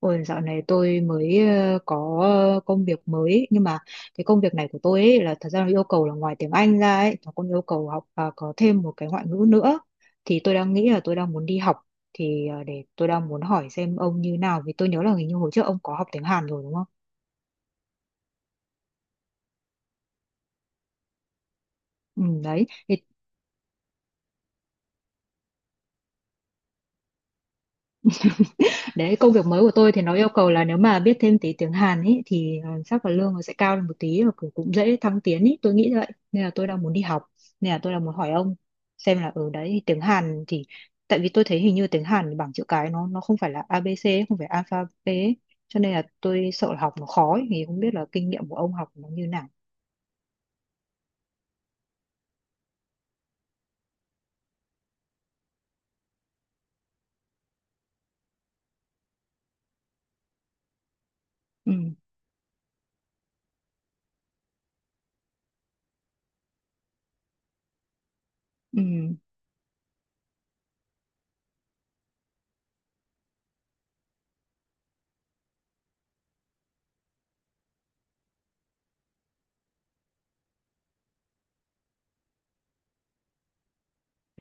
Ôi, dạo này tôi mới có công việc mới ấy. Nhưng mà cái công việc này của tôi ấy là thật ra nó yêu cầu là ngoài tiếng Anh ra ấy nó còn yêu cầu học và có thêm một cái ngoại ngữ nữa. Thì tôi đang nghĩ là tôi đang muốn đi học, thì để tôi đang muốn hỏi xem ông như nào vì tôi nhớ là hình như hồi trước ông có học tiếng Hàn rồi đúng không? Ừ, đấy thì. Đấy, công việc mới của tôi thì nó yêu cầu là nếu mà biết thêm tí tiếng Hàn ấy thì chắc là lương nó sẽ cao lên một tí và cũng cũng dễ thăng tiến ấy, tôi nghĩ vậy. Nên là tôi đang muốn đi học, nên là tôi đang muốn hỏi ông xem là ở đấy tiếng Hàn thì tại vì tôi thấy hình như tiếng Hàn bảng chữ cái nó không phải là A ABC, ấy, không phải alpha B ấy. Cho nên là tôi sợ là học nó khó ấy, thì không biết là kinh nghiệm của ông học nó như nào. Ừ, ừ,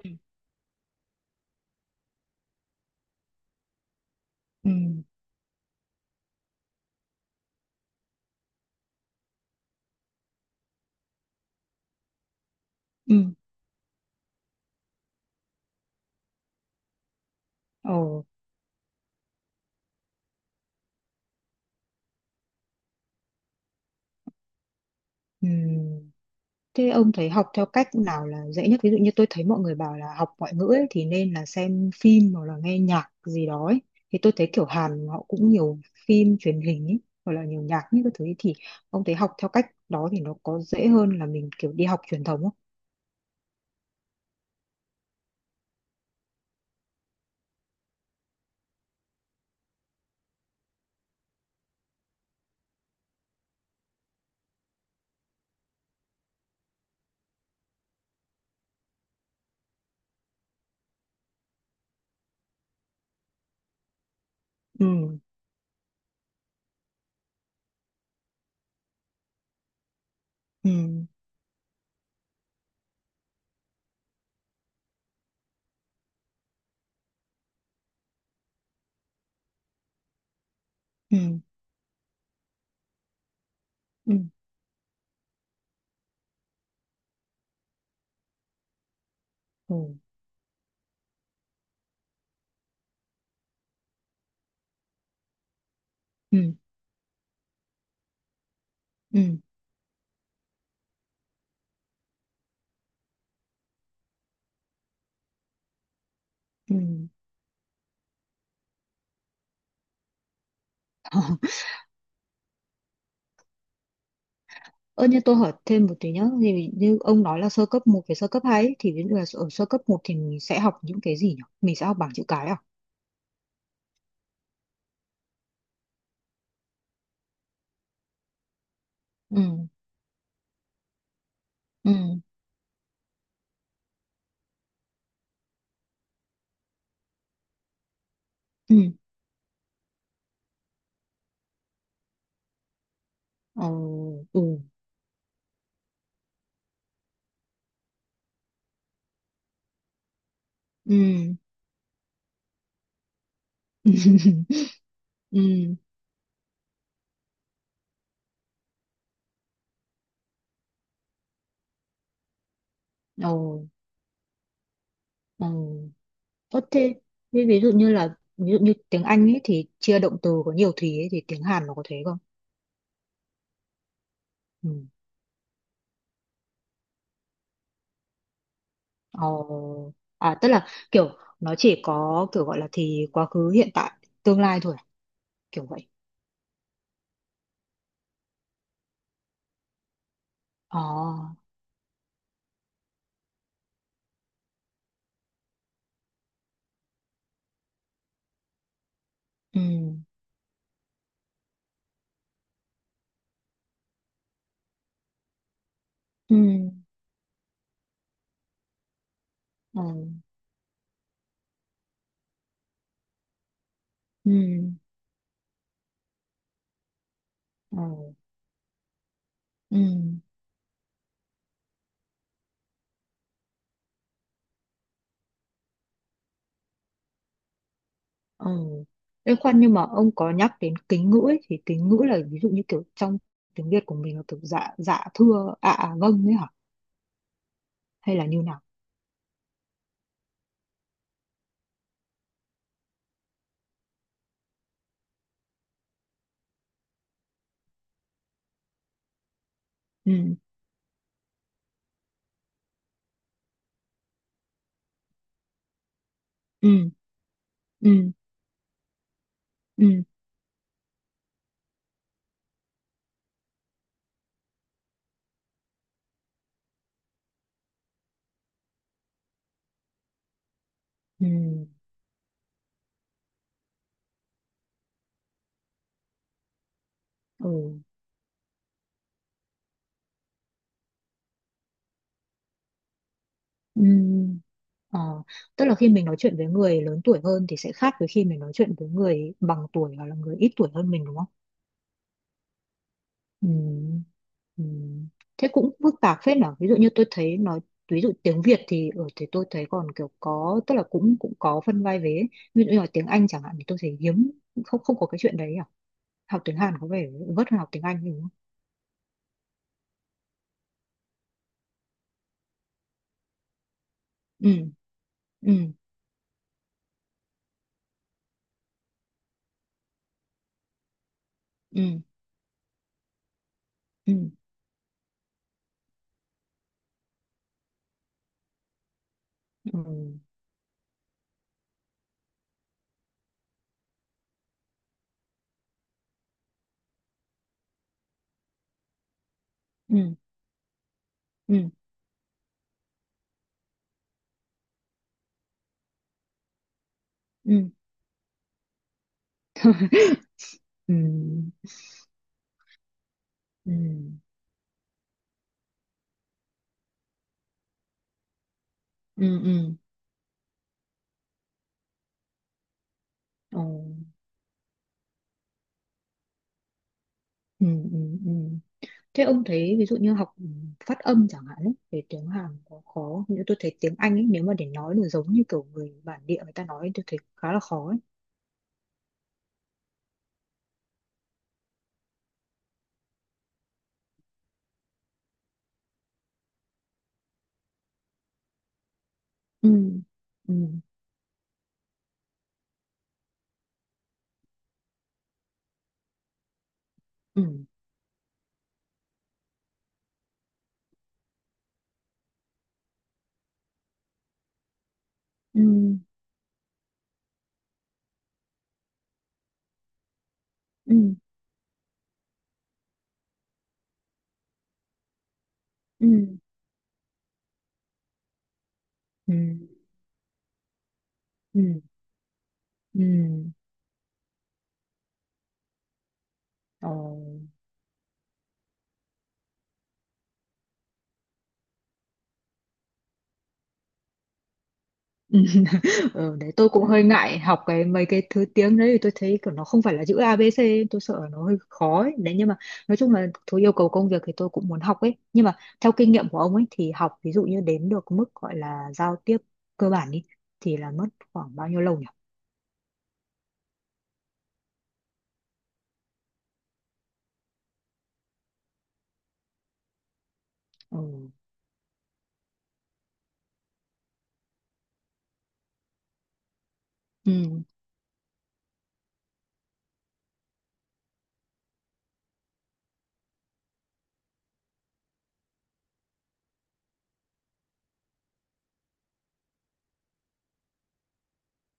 ừ. Ừ, ừ. Ồ, ừ. Thế ông thấy học theo cách nào là dễ nhất? Ví dụ như tôi thấy mọi người bảo là học ngoại ngữ ấy, thì nên là xem phim hoặc là nghe nhạc gì đó ấy. Thì tôi thấy kiểu Hàn họ cũng nhiều phim truyền hình ấy, hoặc là nhiều nhạc như các thứ ấy. Thì ông thấy học theo cách đó thì nó có dễ hơn là mình kiểu đi học truyền thống không? Ừ, ừ, ừ, ừ, ừ, ừ, ừ, ừ. Ơ như tôi hỏi thêm một tí nhá, thì như ông nói là sơ cấp một với sơ cấp 2 ấy, thì ví dụ là ở sơ cấp một thì mình sẽ học những cái gì nhỉ? Mình sẽ học bảng chữ cái à? Ừ. Ừ. Ừ. Ồ. Ừ. Ừ. Ừ. Ồ. Ồ. Ơ thế thế ví dụ như tiếng Anh ấy thì chia động từ có nhiều thùy ấy thì tiếng Hàn nó có thế không? Ừ. Ồ. À, tức là kiểu nó chỉ có kiểu gọi là thì quá khứ hiện tại tương lai thôi à? Kiểu vậy. Ồ. Ừ. Ừ. Ồ. Ừ. Ồ. Ừ. Ờ. Ê khoan, nhưng mà ông có nhắc đến kính ngữ ấy, thì kính ngữ là ví dụ như kiểu trong tiếng Việt của mình là kiểu dạ dạ thưa ạ à, vâng ấy hả? Hay là như nào? Ừ. Ừ. Ừ. Ừ. Ừ. Ừ. Ừ. Ờ, tức là khi mình nói chuyện với người lớn tuổi hơn thì sẽ khác với khi mình nói chuyện với người bằng tuổi hoặc là người ít tuổi hơn mình đúng không? Ừ. Ừ. Thế cũng phức tạp phết nhở. Ví dụ như tôi thấy nói ví dụ tiếng Việt thì ở thì tôi thấy còn kiểu có tức là cũng cũng có phân vai vế ấy. Ví dụ như là tiếng Anh chẳng hạn thì tôi thấy hiếm, không không có cái chuyện đấy à, học tiếng Hàn có vẻ vất hơn học tiếng Anh đúng không? Ừ. Ừ. Ừ. Ừ. Ừ. Ừ. Ừ. Ừ. Ừ. Ừ. Ừ. Ừ. Ừ. Ừ. Ừ. Ừ. Thế ông thấy ví dụ như học phát âm chẳng hạn ấy, về tiếng Hàn có khó không? Như tôi thấy tiếng Anh ấy nếu mà để nói được giống như kiểu người bản địa người ta nói ấy, tôi thấy khá là khó ấy. Ừ. Ừ. Ừ. Ừ. Ừ. Ừ. Ừ. Ừ. Ừ. Ờ. Ừ. Ờ, đấy tôi cũng hơi ngại học cái mấy cái thứ tiếng đấy thì tôi thấy kiểu nó không phải là chữ ABC, tôi sợ nó hơi khó ấy. Đấy nhưng mà nói chung là thứ yêu cầu công việc thì tôi cũng muốn học ấy, nhưng mà theo kinh nghiệm của ông ấy thì học ví dụ như đến được mức gọi là giao tiếp cơ bản đi thì là mất khoảng bao nhiêu lâu nhỉ? Ừ. Ừ.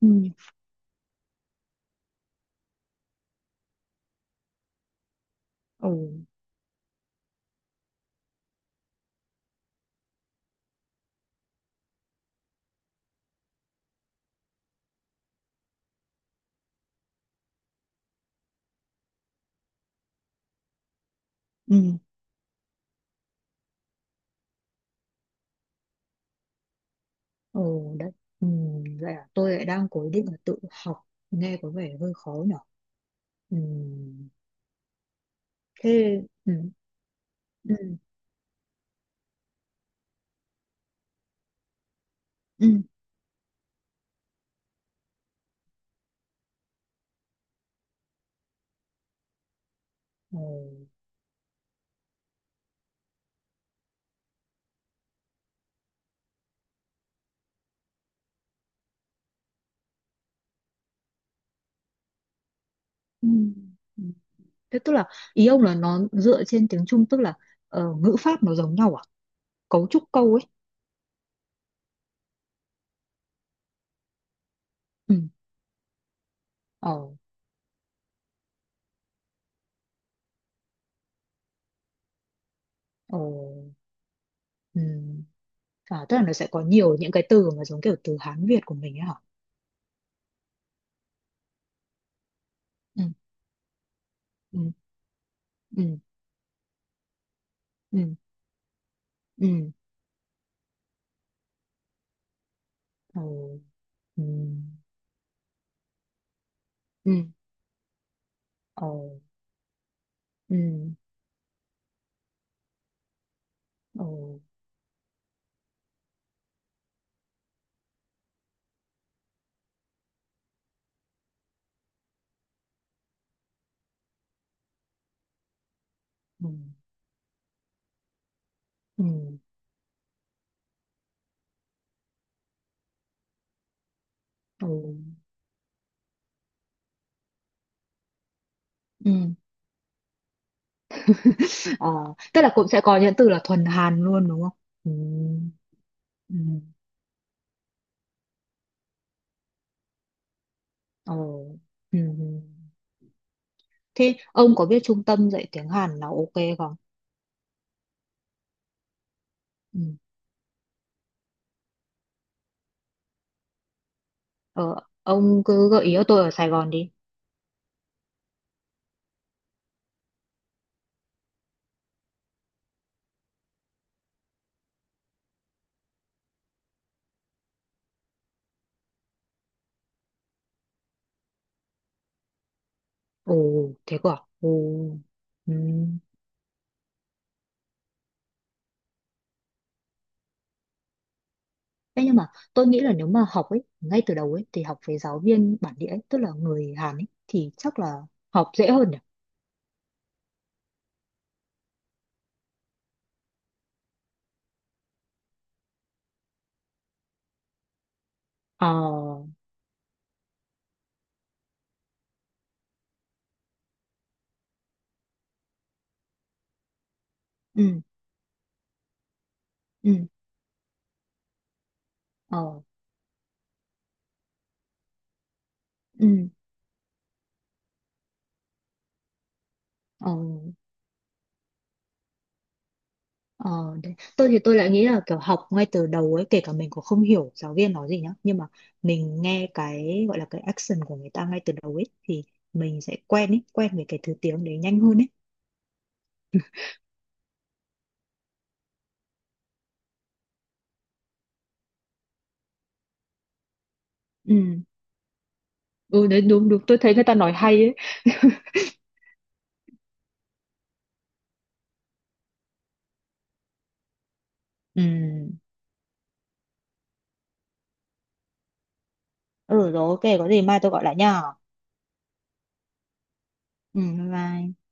Ừ. Ừ. Ừ. Ừ. Đấy. Ừ. Vậy à, tôi lại đang cố định là tự học nghe có vẻ hơi khó nhỉ. Ừ. Thế. Ừ. Ừ. Ừ. Ừ. Ừ. Ừ. Thế tức là ý ông là nó dựa trên tiếng Trung, tức là ngữ pháp nó giống nhau à? Cấu trúc câu ấy. Ừ. Ờ. Ờ. Ừ. À, tức là nó sẽ có nhiều những cái từ mà giống kiểu từ Hán Việt của mình ấy hả? Ừ. Ừ. Ừ. Ừ. Ừ. Ờ. Ừ. Ừ. Ờ. Ừ. Ờ. Ừ. Ừ. Ờ. Ừ. Ờ. Tức là cũng sẽ có những từ là thuần Hàn luôn đúng không? Ừ. Ừ. Ờ. Ừ. Ừ. Thế ông có biết trung tâm dạy tiếng Hàn nào ok không? Ừ. Ờ, ông cứ gợi ý cho tôi ở Sài Gòn đi. Ồ, thế cơ à? Ồ. Ừ. Thế nhưng mà tôi nghĩ là nếu mà học ấy, ngay từ đầu ấy, thì học với giáo viên bản địa ấy, tức là người Hàn ấy, thì chắc là học dễ hơn nhỉ? Ờ, ừ, ừ, ờ, ừ, ờ. Ờ, đấy. Tôi thì tôi lại nghĩ là kiểu học ngay từ đầu ấy kể cả mình cũng không hiểu giáo viên nói gì nhá, nhưng mà mình nghe cái gọi là cái action của người ta ngay từ đầu ấy thì mình sẽ quen ấy quen với cái thứ tiếng đấy nhanh hơn ấy. Ừ. Ừ, đấy, đúng đúng, tôi thấy người ta nói hay ấy. Ừ. Ừ, rồi ok, có gì mai tôi gọi lại nha. Ừ, bye bye.